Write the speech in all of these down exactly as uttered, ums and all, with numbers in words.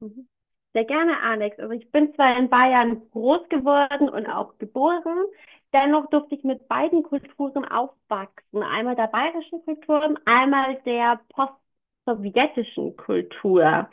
Mhm. Sehr gerne, Alex. Also ich bin zwar in Bayern groß geworden und auch geboren, dennoch durfte ich mit beiden Kulturen aufwachsen. Einmal der bayerischen Kultur und einmal der post-sowjetischen Kultur.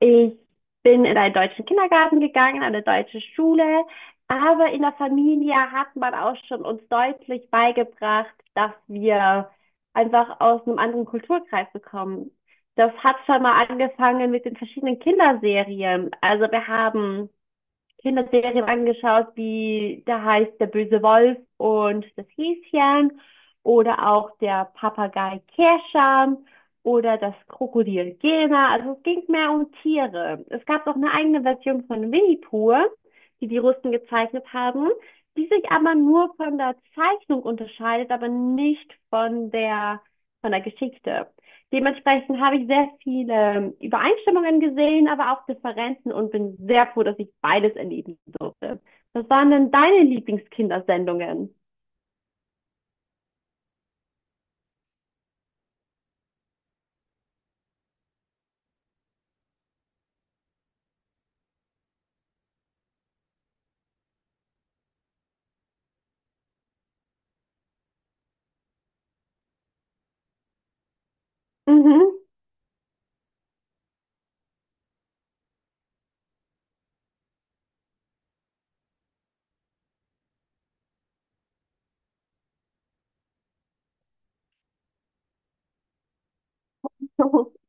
Ich bin in einen deutschen Kindergarten gegangen, eine deutsche Schule, aber in der Familie hat man auch schon uns deutlich beigebracht, dass wir einfach aus einem anderen Kulturkreis bekommen. Das hat schon mal angefangen mit den verschiedenen Kinderserien. Also wir haben Kinderserien angeschaut, wie da heißt der böse Wolf und das Häschen oder auch der Papagei Kerschan oder das Krokodil Gena. Also es ging mehr um Tiere. Es gab auch eine eigene Version von Winnie Pooh, die die Russen gezeichnet haben, die sich aber nur von der Zeichnung unterscheidet, aber nicht von der von der Geschichte. Dementsprechend habe ich sehr viele Übereinstimmungen gesehen, aber auch Differenzen und bin sehr froh, dass ich beides erleben durfte. Was waren denn deine Lieblingskindersendungen? Mhm.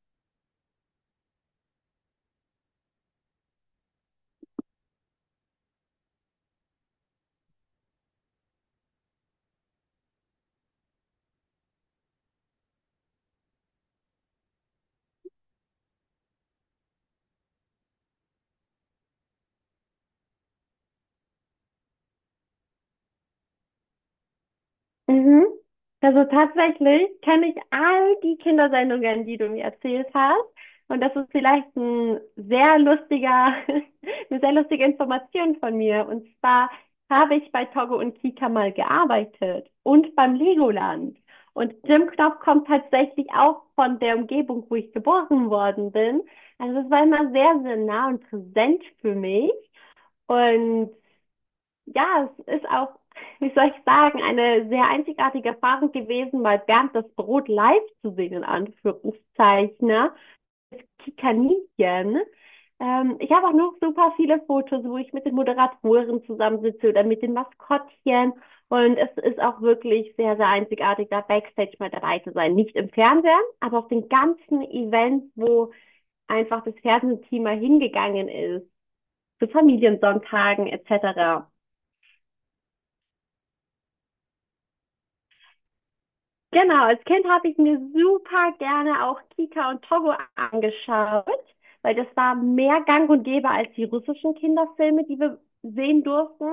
Mhm. Also tatsächlich kenne ich all die Kindersendungen, die du mir erzählt hast. Und das ist vielleicht ein sehr lustiger, eine sehr lustige Information von mir. Und zwar habe ich bei Togo und Kika mal gearbeitet und beim Legoland. Und Jim Knopf kommt tatsächlich auch von der Umgebung, wo ich geboren worden bin. Also es war immer sehr, sehr nah und präsent für mich. Und ja, es ist auch, wie soll ich sagen, eine sehr einzigartige Erfahrung gewesen, mal Bernd das Brot live zu sehen, in Anführungszeichen, ne? Die Kaninchen. Ähm, ich habe auch noch super viele Fotos, wo ich mit den Moderatoren zusammensitze oder mit den Maskottchen. Und es ist auch wirklich sehr, sehr einzigartig, da Backstage mal dabei zu sein. Nicht im Fernsehen, aber auf den ganzen Events, wo einfach das Fernsehteam mal hingegangen ist, zu Familiensonntagen et cetera. Genau, als Kind habe ich mir super gerne auch Kika und Togo angeschaut, weil das war mehr Gang und Gäbe als die russischen Kinderfilme, die wir sehen durften.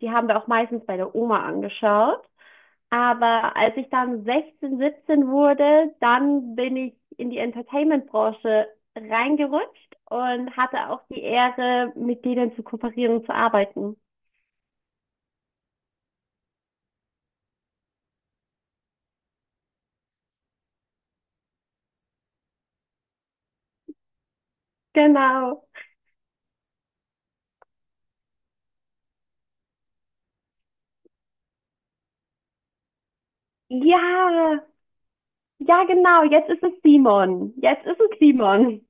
Die haben wir auch meistens bei der Oma angeschaut. Aber als ich dann sechzehn, siebzehn wurde, dann bin ich in die Entertainment-Branche reingerutscht und hatte auch die Ehre, mit denen zu kooperieren und zu arbeiten. Genau. Ja, ja, genau. Jetzt ist es Simon. Jetzt ist es Simon.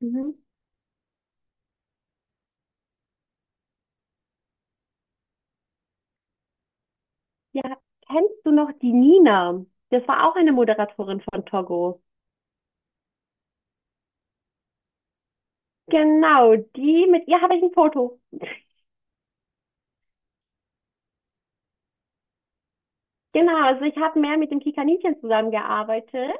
Mhm. Ja, kennst du noch die Nina? Das war auch eine Moderatorin von Togo. Genau, die, mit ihr habe ich ein Foto. Genau, also ich habe mehr mit dem Kikaninchen zusammengearbeitet.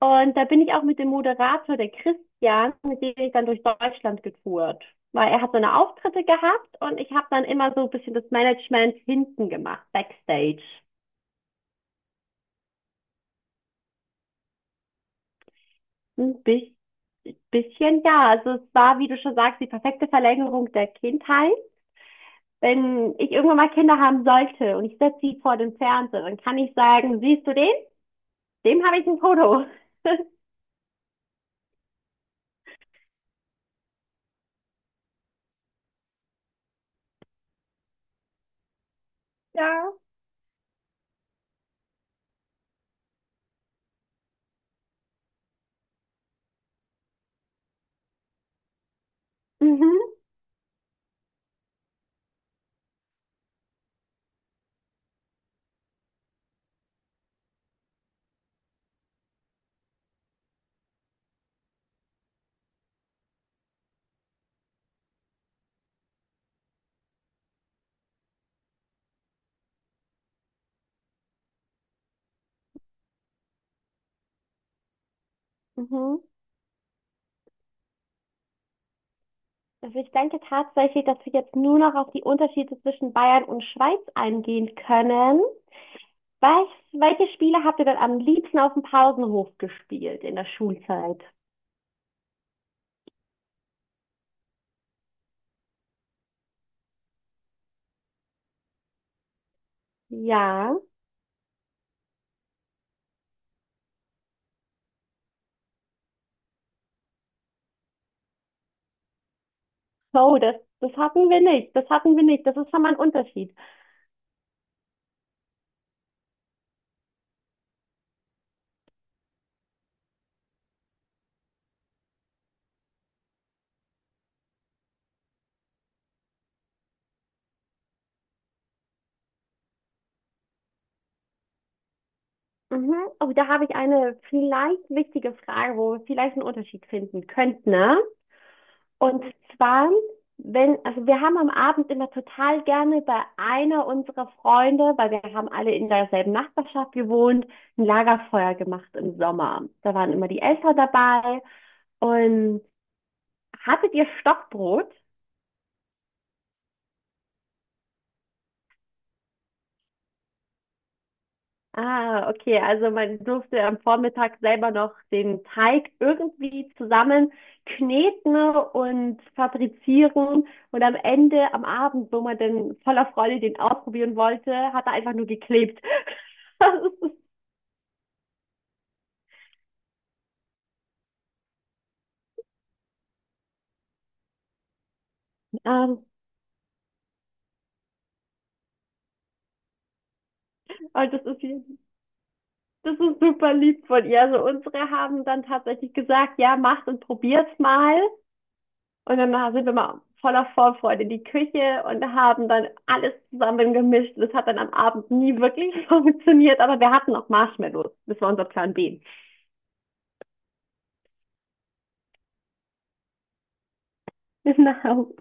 Und da bin ich auch mit dem Moderator, der Christian, mit dem bin ich dann durch Deutschland getourt. Weil er hat so eine Auftritte gehabt und ich habe dann immer so ein bisschen das Management hinten gemacht, Backstage. Ein bi- Bisschen, ja. Also es war, wie du schon sagst, die perfekte Verlängerung der Kindheit. Wenn ich irgendwann mal Kinder haben sollte und ich setze sie vor den Fernseher, dann kann ich sagen, siehst du den? Dem habe ich ein Foto. Ja. Mhm, mhm. Also ich denke tatsächlich, dass wir jetzt nur noch auf die Unterschiede zwischen Bayern und Schweiz eingehen können. Was, Welche Spiele habt ihr denn am liebsten auf dem Pausenhof gespielt in der Schulzeit? Ja. Oh, das, das hatten wir nicht. Das hatten wir nicht. Das ist schon mal ein Unterschied. Mhm. Oh, da habe ich eine vielleicht wichtige Frage, wo wir vielleicht einen Unterschied finden könnten, ne? Und zwar, wenn, also wir haben am Abend immer total gerne bei einer unserer Freunde, weil wir haben alle in derselben Nachbarschaft gewohnt, ein Lagerfeuer gemacht im Sommer. Da waren immer die Eltern dabei. Und hattet ihr Stockbrot? Ah, okay. Also man durfte am Vormittag selber noch den Teig irgendwie zusammen kneten und fabrizieren. Und am Ende, am Abend, wo man dann voller Freude den ausprobieren wollte, hat er einfach nur geklebt. Das ist, ähm, und das ist, das ist super lieb von ihr. Also unsere haben dann tatsächlich gesagt, ja, macht und probiert's mal. Und dann sind wir mal voller Vorfreude in die Küche und haben dann alles zusammen gemischt. Das hat dann am Abend nie wirklich funktioniert, aber wir hatten auch Marshmallows. Das war unser Plan B. Genau.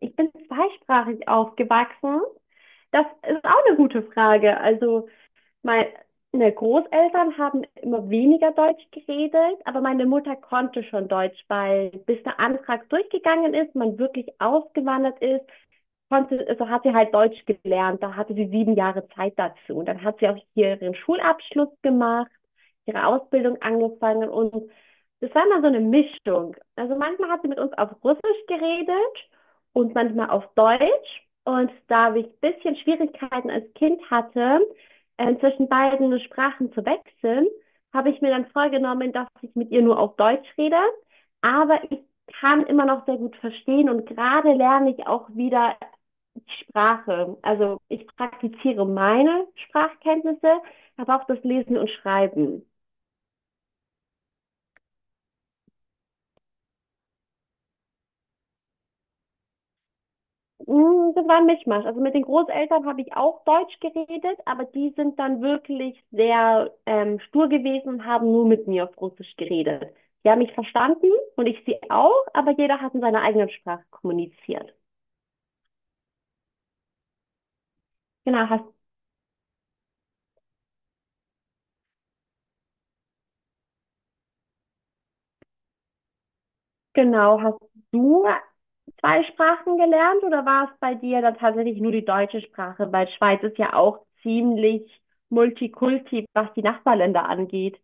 Ich bin zweisprachig aufgewachsen. Das ist auch eine gute Frage. Also meine Großeltern haben immer weniger Deutsch geredet, aber meine Mutter konnte schon Deutsch, weil bis der Antrag durchgegangen ist, man wirklich ausgewandert ist, konnte, also hat sie halt Deutsch gelernt, da hatte sie sieben Jahre Zeit dazu. Und dann hat sie auch hier ihren Schulabschluss gemacht, ihre Ausbildung angefangen und das war immer so eine Mischung. Also manchmal hat sie mit uns auf Russisch geredet und manchmal auf Deutsch. Und da ich ein bisschen Schwierigkeiten als Kind hatte, äh, zwischen beiden Sprachen zu wechseln, habe ich mir dann vorgenommen, dass ich mit ihr nur auf Deutsch rede. Aber ich kann immer noch sehr gut verstehen und gerade lerne ich auch wieder Sprache. Also ich praktiziere meine Sprachkenntnisse, aber auch das Lesen und Schreiben. Mm, Das war ein Mischmasch. Also mit den Großeltern habe ich auch Deutsch geredet, aber die sind dann wirklich sehr ähm, stur gewesen und haben nur mit mir auf Russisch geredet. Die haben mich verstanden und ich sie auch, aber jeder hat in seiner eigenen Sprache kommuniziert. Genau. Genau, hast du zwei Sprachen gelernt oder war es bei dir dann tatsächlich nur die deutsche Sprache? Weil Schweiz ist ja auch ziemlich Multikulti, was die Nachbarländer angeht.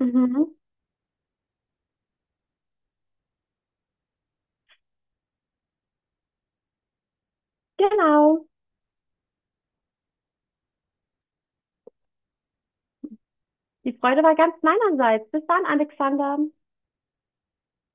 Mhm, genau. Die Freude war ganz meinerseits. Bis dann, Alexander.